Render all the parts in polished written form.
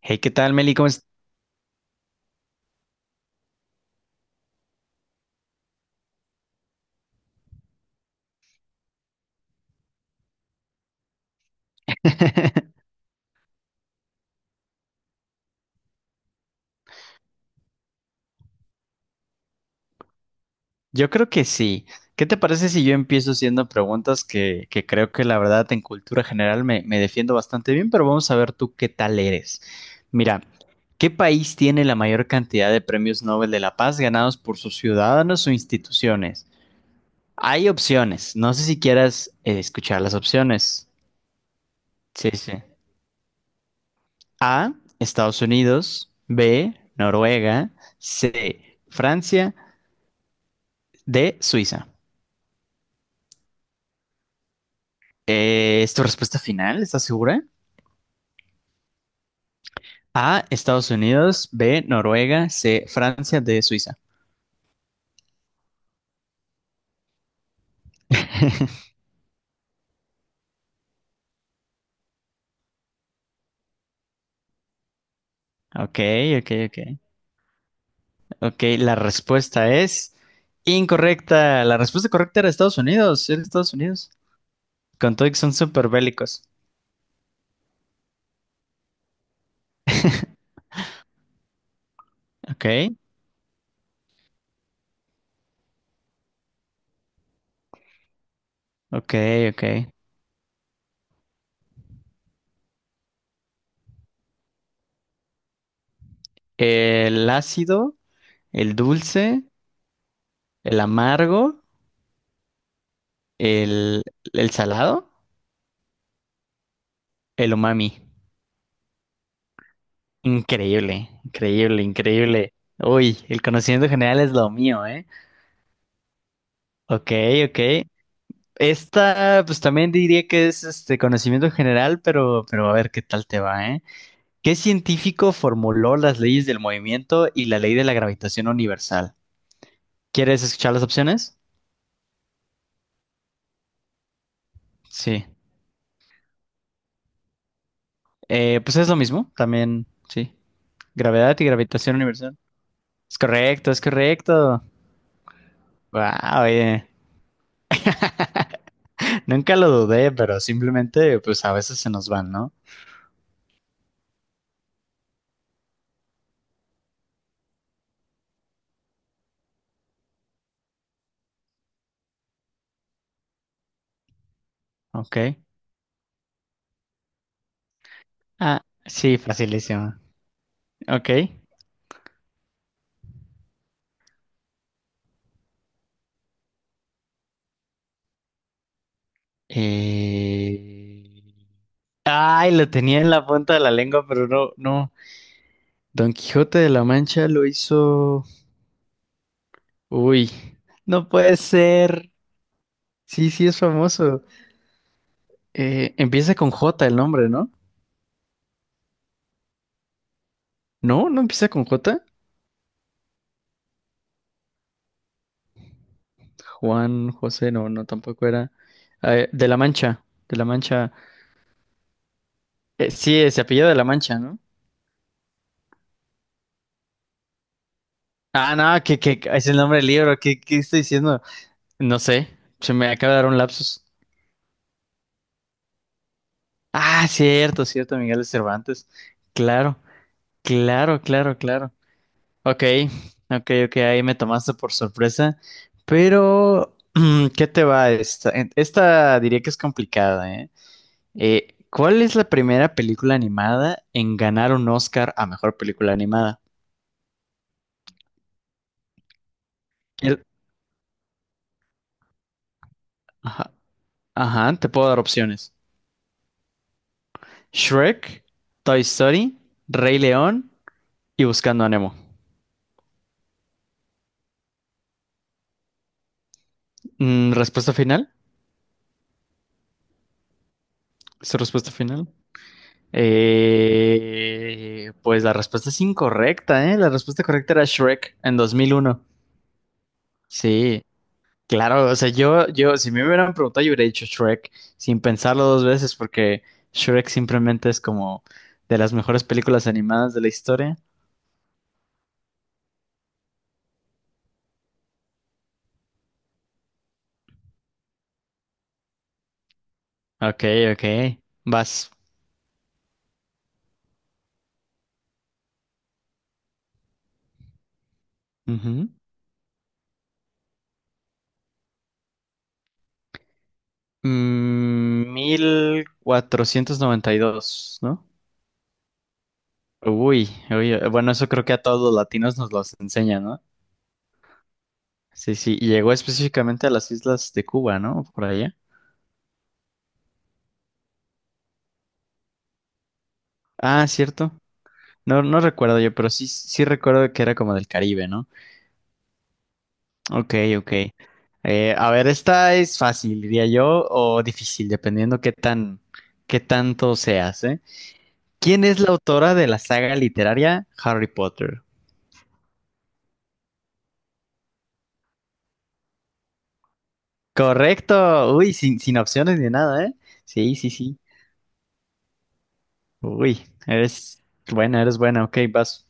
Hey, ¿qué tal, Meli? Yo creo que sí. ¿Qué te parece si yo empiezo haciendo preguntas que creo que la verdad en cultura general me defiendo bastante bien, pero vamos a ver tú qué tal eres. Mira, ¿qué país tiene la mayor cantidad de premios Nobel de la Paz ganados por sus ciudadanos o instituciones? Hay opciones. No sé si quieras escuchar las opciones. Sí, sí. A, Estados Unidos, B, Noruega, C, Francia, D, Suiza. ¿Es tu respuesta final? ¿Estás segura? A, Estados Unidos, B, Noruega, C, Francia, D, Suiza. Ok, ok, ok. Ok, la respuesta es incorrecta. La respuesta correcta era Estados Unidos, era Estados Unidos. Con todo y que son súper bélicos. Ok, ok, ok. El ácido, el dulce, el amargo, el, el salado, el umami. Increíble, increíble, increíble. Uy, el conocimiento general es lo mío, ¿eh? Ok, ok. Esta, pues también diría que es este conocimiento general, pero a ver qué tal te va, ¿eh? ¿Qué científico formuló las leyes del movimiento y la ley de la gravitación universal? ¿Quieres escuchar las opciones? Sí. Pues es lo mismo, también, sí. Gravedad y gravitación universal. Es correcto, es correcto. Wow, oye. Nunca lo dudé, pero simplemente, pues a veces se nos van, ¿no? Ok. Ah, sí, facilísimo. Ok. Eh, Ay, lo tenía en la punta de la lengua, pero no, no. Don Quijote de la Mancha lo hizo. Uy, no puede ser. Sí, sí, es famoso. Empieza con J el nombre, ¿no? No, no empieza con J. Juan, José, no, no, tampoco era. De la Mancha, de la Mancha. Sí, se apellida de la Mancha, ¿no? Ah, no, que es el nombre del libro. ¿Qué estoy diciendo? No sé, se me acaba de dar un lapsus. Ah, cierto, cierto, Miguel de Cervantes. Claro, claro, claro, claro. Ok, ok, ok, ahí me tomaste por sorpresa. Pero, ¿qué te va esta? Esta diría que es complicada, ¿eh? ¿Cuál es la primera película animada en ganar un Oscar a mejor película animada? El- Ajá, ajá, te puedo dar opciones. Shrek, Toy Story, Rey León y Buscando a Nemo. ¿Respuesta final? ¿Su respuesta final? Pues la respuesta es incorrecta, ¿eh? La respuesta correcta era Shrek en 2001. Sí, claro, o sea, yo, si me hubieran preguntado, yo hubiera dicho Shrek sin pensarlo dos veces, porque Shrek simplemente es como de las mejores películas animadas de la historia. Ok, ok, vas. Ujú. 1492, ¿no? Uy, uy, bueno, eso creo que a todos los latinos nos los enseñan. Sí, sí, y llegó específicamente a las islas de Cuba, ¿no? Por allá. Ah, cierto. No, no recuerdo yo, pero sí, sí recuerdo que era como del Caribe, ¿no? Ok, ok. A ver, esta es fácil, diría yo, o difícil, dependiendo qué tanto seas, ¿eh? ¿Quién es la autora de la saga literaria Harry Potter? Correcto. Uy, sin opciones ni nada, ¿eh? Sí, sí, sí. Uy, eres buena, eres buena. Ok, vas.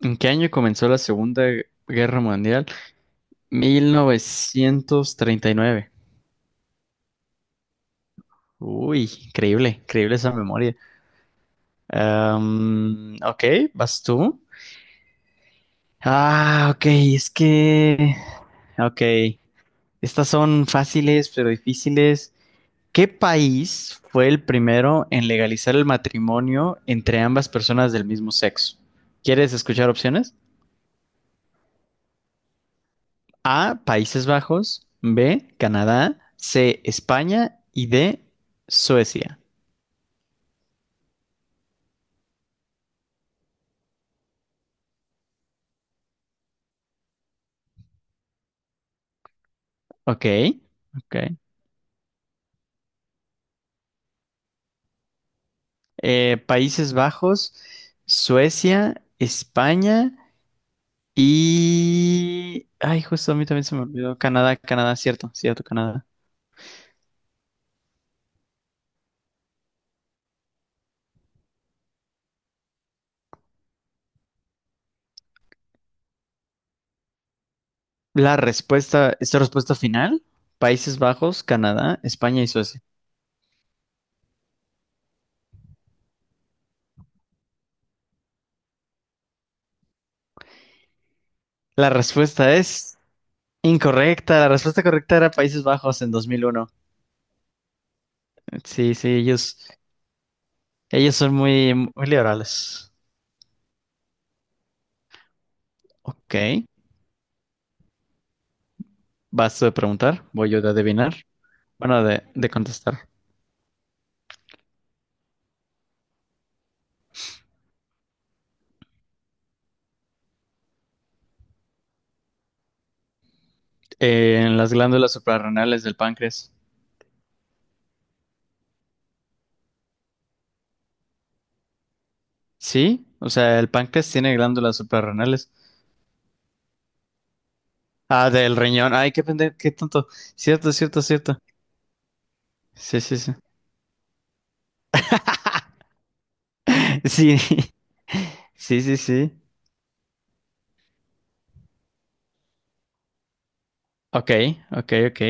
¿En qué año comenzó la Segunda Guerra Mundial? 1939. Uy, increíble, increíble esa memoria. Ok, ¿vas tú? Ah, ok, es que... Ok, estas son fáciles pero difíciles. ¿Qué país fue el primero en legalizar el matrimonio entre ambas personas del mismo sexo? ¿Quieres escuchar opciones? A, Países Bajos, B, Canadá, C, España y D, Suecia. Ok, ok. Países Bajos, Suecia, España y... Ay, justo a mí también se me olvidó. Canadá, Canadá, cierto, cierto, Canadá. Esta respuesta final, Países Bajos, Canadá, España y Suecia. La respuesta es incorrecta. La respuesta correcta era Países Bajos en 2001. Sí, sí, ellos son muy, muy liberales. Ok. Vas tú de preguntar, voy yo de adivinar. Bueno, de contestar. En las glándulas suprarrenales del páncreas. Sí, o sea, el páncreas tiene glándulas suprarrenales. Ah, del riñón. Ay, qué pendejo, qué tonto. Cierto, cierto, cierto. Sí, sí, sí. Sí, sí, sí, sí. Ok, ok, ok.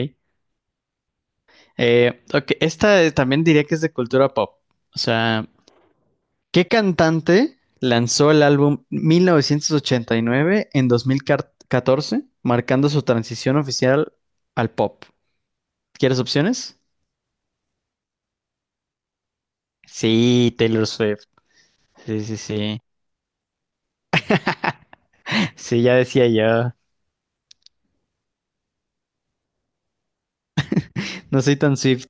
Ok, esta también diría que es de cultura pop. O sea, ¿qué cantante lanzó el álbum 1989 en 2014, marcando su transición oficial al pop? ¿Quieres opciones? Sí, Taylor Swift. Sí, sí, sí. Sí, ya decía yo. No soy tan Swift.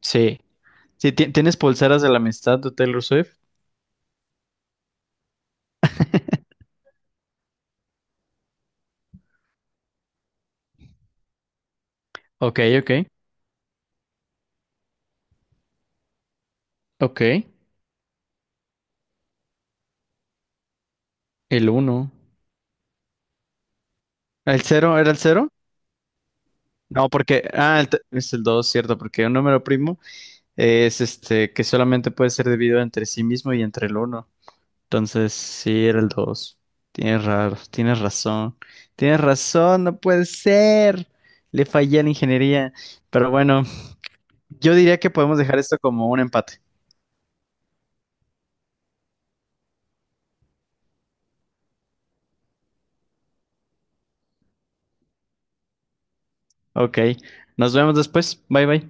Sí. ¿Tienes pulseras de la amistad de Taylor Swift? Ok, ok. Ok. El uno. ¿El cero? ¿Era el cero? No, porque. Ah, es el dos, cierto, porque un número primo es este que solamente puede ser dividido entre sí mismo y entre el uno. Entonces, sí, era el 2. Tienes razón. Tienes razón, no puede ser. Le fallé a la ingeniería. Pero bueno. Yo diría que podemos dejar esto como un empate. Ok, nos vemos después. Bye bye.